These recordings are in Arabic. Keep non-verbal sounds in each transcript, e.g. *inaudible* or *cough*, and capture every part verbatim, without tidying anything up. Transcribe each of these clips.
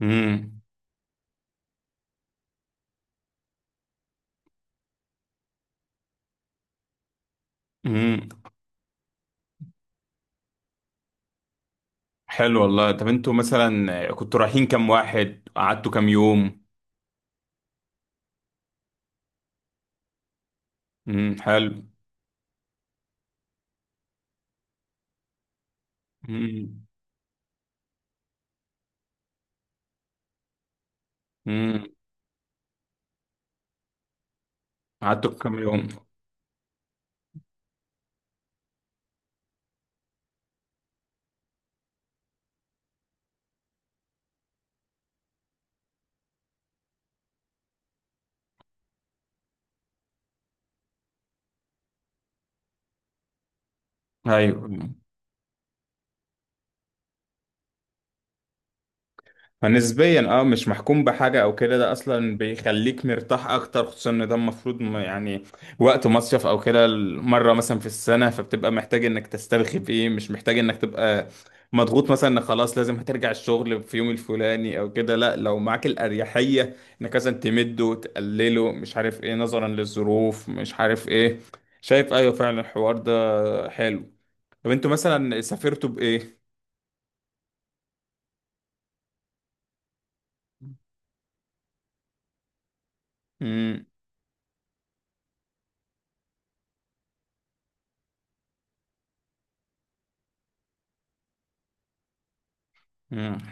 امم. امم. حلو والله. طب انتوا مثلا كنتوا رايحين كام واحد؟ قعدتوا كام يوم؟ امم. حلو. امم. امم. قعدتوا كام يوم؟ ايوه، فنسبيا اه مش محكوم بحاجة او كده. ده اصلا بيخليك مرتاح اكتر، خصوصا ان ده المفروض م- يعني وقت مصيف او كده، مرة مثلا في السنة، فبتبقى محتاج انك تسترخي فيه، مش محتاج انك تبقى مضغوط مثلا انك خلاص لازم هترجع الشغل في يوم الفلاني او كده. لا، لو معاك الاريحية انك مثلا تمده، تقلله، مش عارف ايه، نظرا للظروف، مش عارف ايه. شايف؟ ايوه فعلا، الحوار ده حلو. طب انتوا مثلا سافرتوا بايه؟ امم.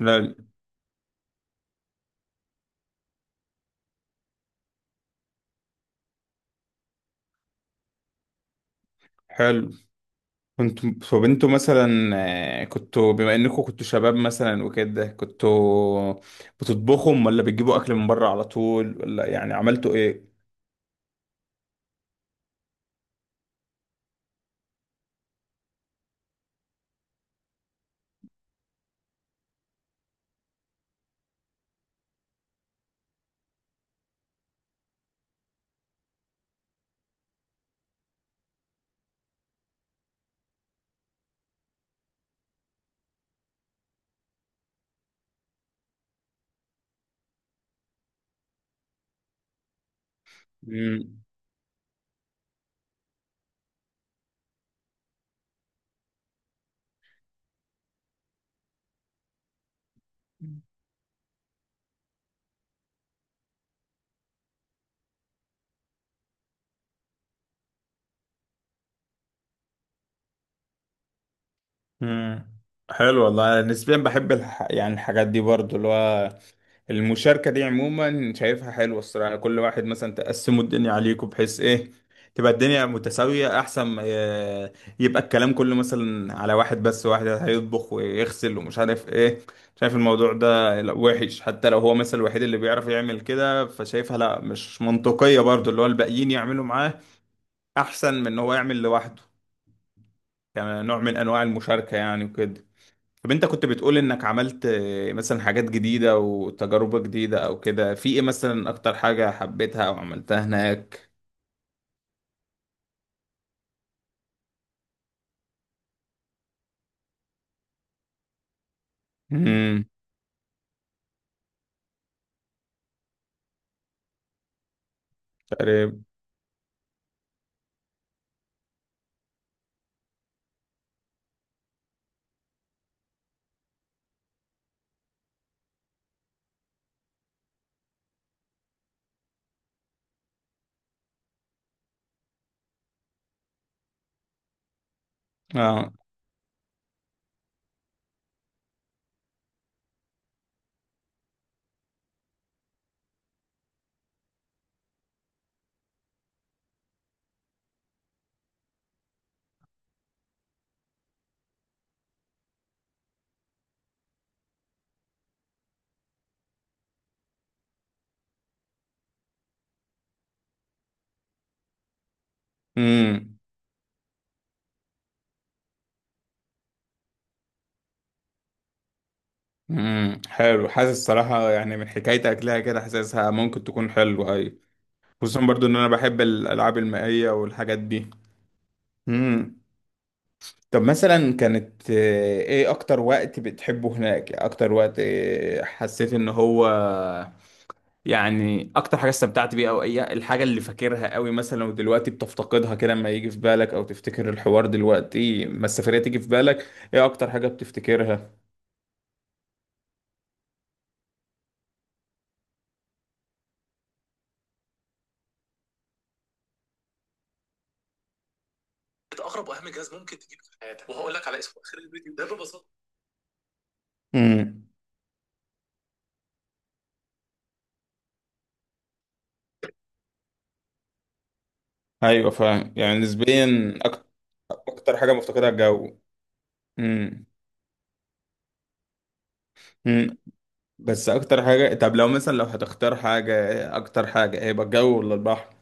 لا. حلو. كنت فبنتوا مثلا. آه، كنتوا بما انكم كنتوا شباب مثلا وكده، كنتوا بتطبخهم ولا بتجيبوا اكل من بره على طول، ولا يعني عملتوا ايه؟ امم. امم. حلو والله. أنا نسبيا بحب الح... يعني الحاجات دي برضو، اللي هو المشاركة دي عموما شايفها حلوة الصراحة. كل واحد مثلا تقسموا الدنيا عليكم بحيث ايه تبقى الدنيا متساوية، أحسن ما ي- يبقى الكلام كله مثلا على واحد بس، واحد هيطبخ ويغسل ومش عارف ايه. شايف الموضوع ده؟ لا، وحش. حتى لو هو مثلا الوحيد اللي بيعرف يعمل كده، فشايفها لا مش منطقية برضو، اللي هو الباقيين يعملوا معاه أحسن من إن هو يعمل لوحده. يعني نوع من أنواع المشاركة يعني وكده. طب انت كنت بتقول انك عملت آه، مثلا حاجات جديدة وتجربة جديدة او كده، في ايه مثلا اكتر حاجة حبيتها او عملتها هناك؟ امم. تقريبا. اه. امم. امم. حلو. حاسس صراحة، يعني من حكايتك لها كده، حاسسها ممكن تكون حلوة. اي، خصوصا برضو ان انا بحب الالعاب المائية والحاجات دي. امم. طب مثلا كانت آه، ايه اكتر وقت بتحبه هناك؟ اكتر وقت آه، حسيت ان هو يعني اكتر حاجه استمتعت بيها، او اي الحاجه اللي فاكرها قوي مثلا ودلوقتي بتفتقدها كده، لما يجي في بالك او تفتكر الحوار دلوقتي، ما السفريه تيجي في بالك، ايه اكتر حاجه بتفتكرها؟ اقرب واهم جهاز ممكن تجيبه في حياتك، وهقول لك على اسمه اخر الفيديو ده ببساطه. امم. ايوه، فاهم. يعني نسبيا أكتر اكتر حاجه مفتقدها الجو. امم. امم. بس اكتر حاجه. طب لو مثلا لو هتختار حاجه، إيه اكتر حاجه هيبقى، الجو ولا البحر؟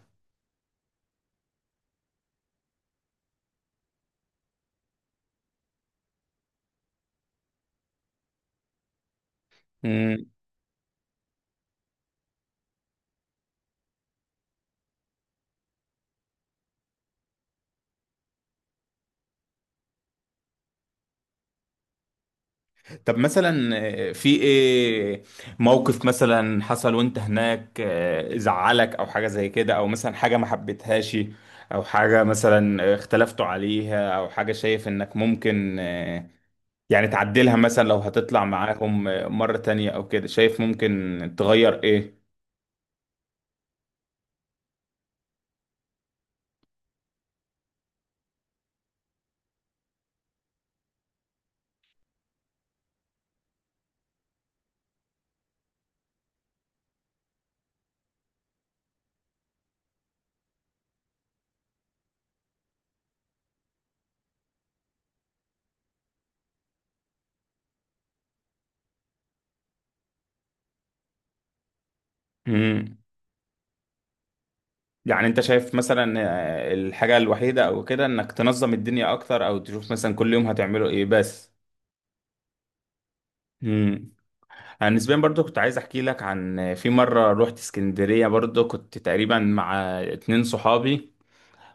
طب مثلا آه، في ايه موقف مثلا حصل وانت هناك آه، زعلك او حاجة زي كده، او مثلا حاجة ما حبيتهاش، او حاجة مثلا اختلفتوا عليها، او حاجة شايف انك ممكن آه، يعني تعدلها مثلا لو هتطلع معاهم آه، مرة تانية او كده، شايف ممكن تغير ايه؟ مم. يعني انت شايف مثلا آه، الحاجة الوحيدة او كده انك تنظم الدنيا اكتر، او تشوف مثلا كل يوم هتعمله ايه بس؟ مم. انا نسبيا برضو كنت عايز احكي لك عن في مره روحت اسكندريه برضو، كنت تقريبا مع اتنين صحابي،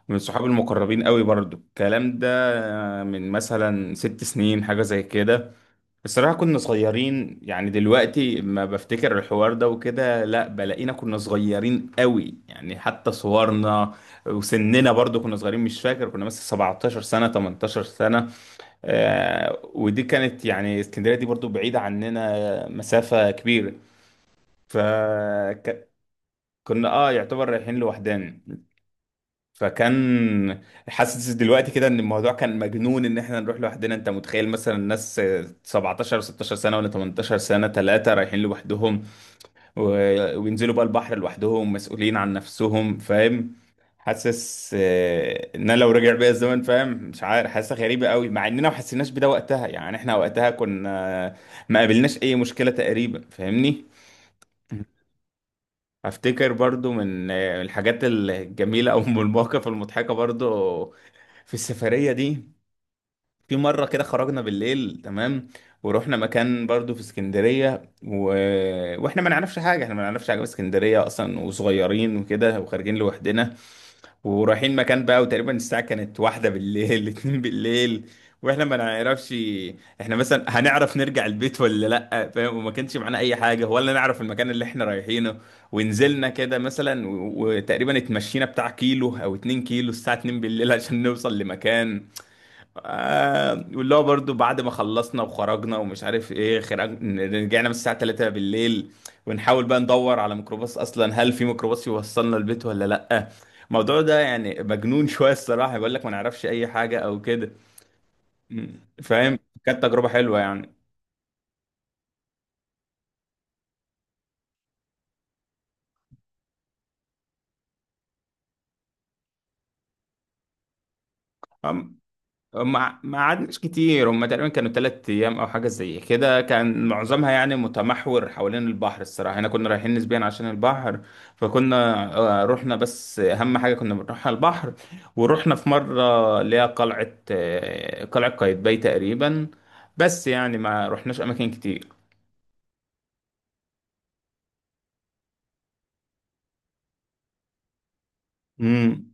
من صحابي المقربين قوي برضو. الكلام ده من مثلا ست سنين، حاجه زي كده. الصراحه كنا صغيرين، يعني دلوقتي ما بفتكر الحوار ده وكده، لا بلاقينا كنا صغيرين قوي يعني، حتى صورنا وسننا برضو كنا صغيرين. مش فاكر، كنا مثلا سبعتاشر سنه تمنتاشر سنه. آه، ودي كانت يعني اسكندريه، دي برضو بعيده عننا مسافه كبيره. فكنا اه يعتبر رايحين لوحدنا. فكان حاسس دلوقتي كده ان الموضوع كان مجنون، ان احنا نروح لوحدنا. انت متخيل مثلا ناس سبعتاشر ستاشر سنه ولا تمنتاشر سنه، ثلاثه رايحين لوحدهم و... وينزلوا بقى البحر لوحدهم، مسؤولين عن نفسهم، فاهم؟ حاسس آه، ان انا لو رجع بيا الزمن، فاهم، مش عارف، حاسه غريبه قوي، مع اننا ما حسيناش بده وقتها، يعني احنا وقتها كنا ما قابلناش اي مشكله تقريبا، فاهمني. افتكر برضو من آه، الحاجات الجميله او *laughs* من المواقف المضحكه برضو في السفريه دي. في مره كده خرجنا بالليل تمام، ورحنا مكان برضو في اسكندريه و... واحنا ما نعرفش حاجه. احنا ما نعرفش حاجه في اسكندريه اصلا، وصغيرين وكده وخارجين لوحدنا. ورايحين مكان بقى، وتقريبا الساعة كانت واحدة بالليل *laughs* اتنين بالليل، واحنا ما نعرفش احنا مثلا هنعرف نرجع البيت ولا لا، فاهم؟ وما كانش معانا اي حاجة، ولا نعرف المكان اللي احنا رايحينه. ونزلنا كده مثلا و- وتقريبا اتمشينا بتاع كيلو او اتنين كيلو الساعة اتنين بالليل عشان نوصل لمكان. آه واللي هو برضه بعد ما خلصنا وخرجنا ومش عارف ايه خرج، رجعنا من الساعة تلاتة بالليل، ونحاول بقى ندور على ميكروباص، اصلا هل في ميكروباص يوصلنا البيت ولا لأ؟ الموضوع ده يعني مجنون *laughs* شوية الصراحة، بيقول لك ما نعرفش اي حاجة او كده. م. فاهم. كانت تجربة حلوة يعني. ما ما قعدناش كتير. هم تقريبا كانوا تلات ايام او حاجه زي كده، كان معظمها يعني متمحور حوالين البحر. الصراحه احنا كنا رايحين نسبيا عشان البحر، فكنا آه، رحنا بس اهم حاجه كنا بنروحها البحر. ورحنا في مره اللي هي قلعه آه، قلعه قايتباي تقريبا. بس يعني ما رحناش اماكن كتير. مم.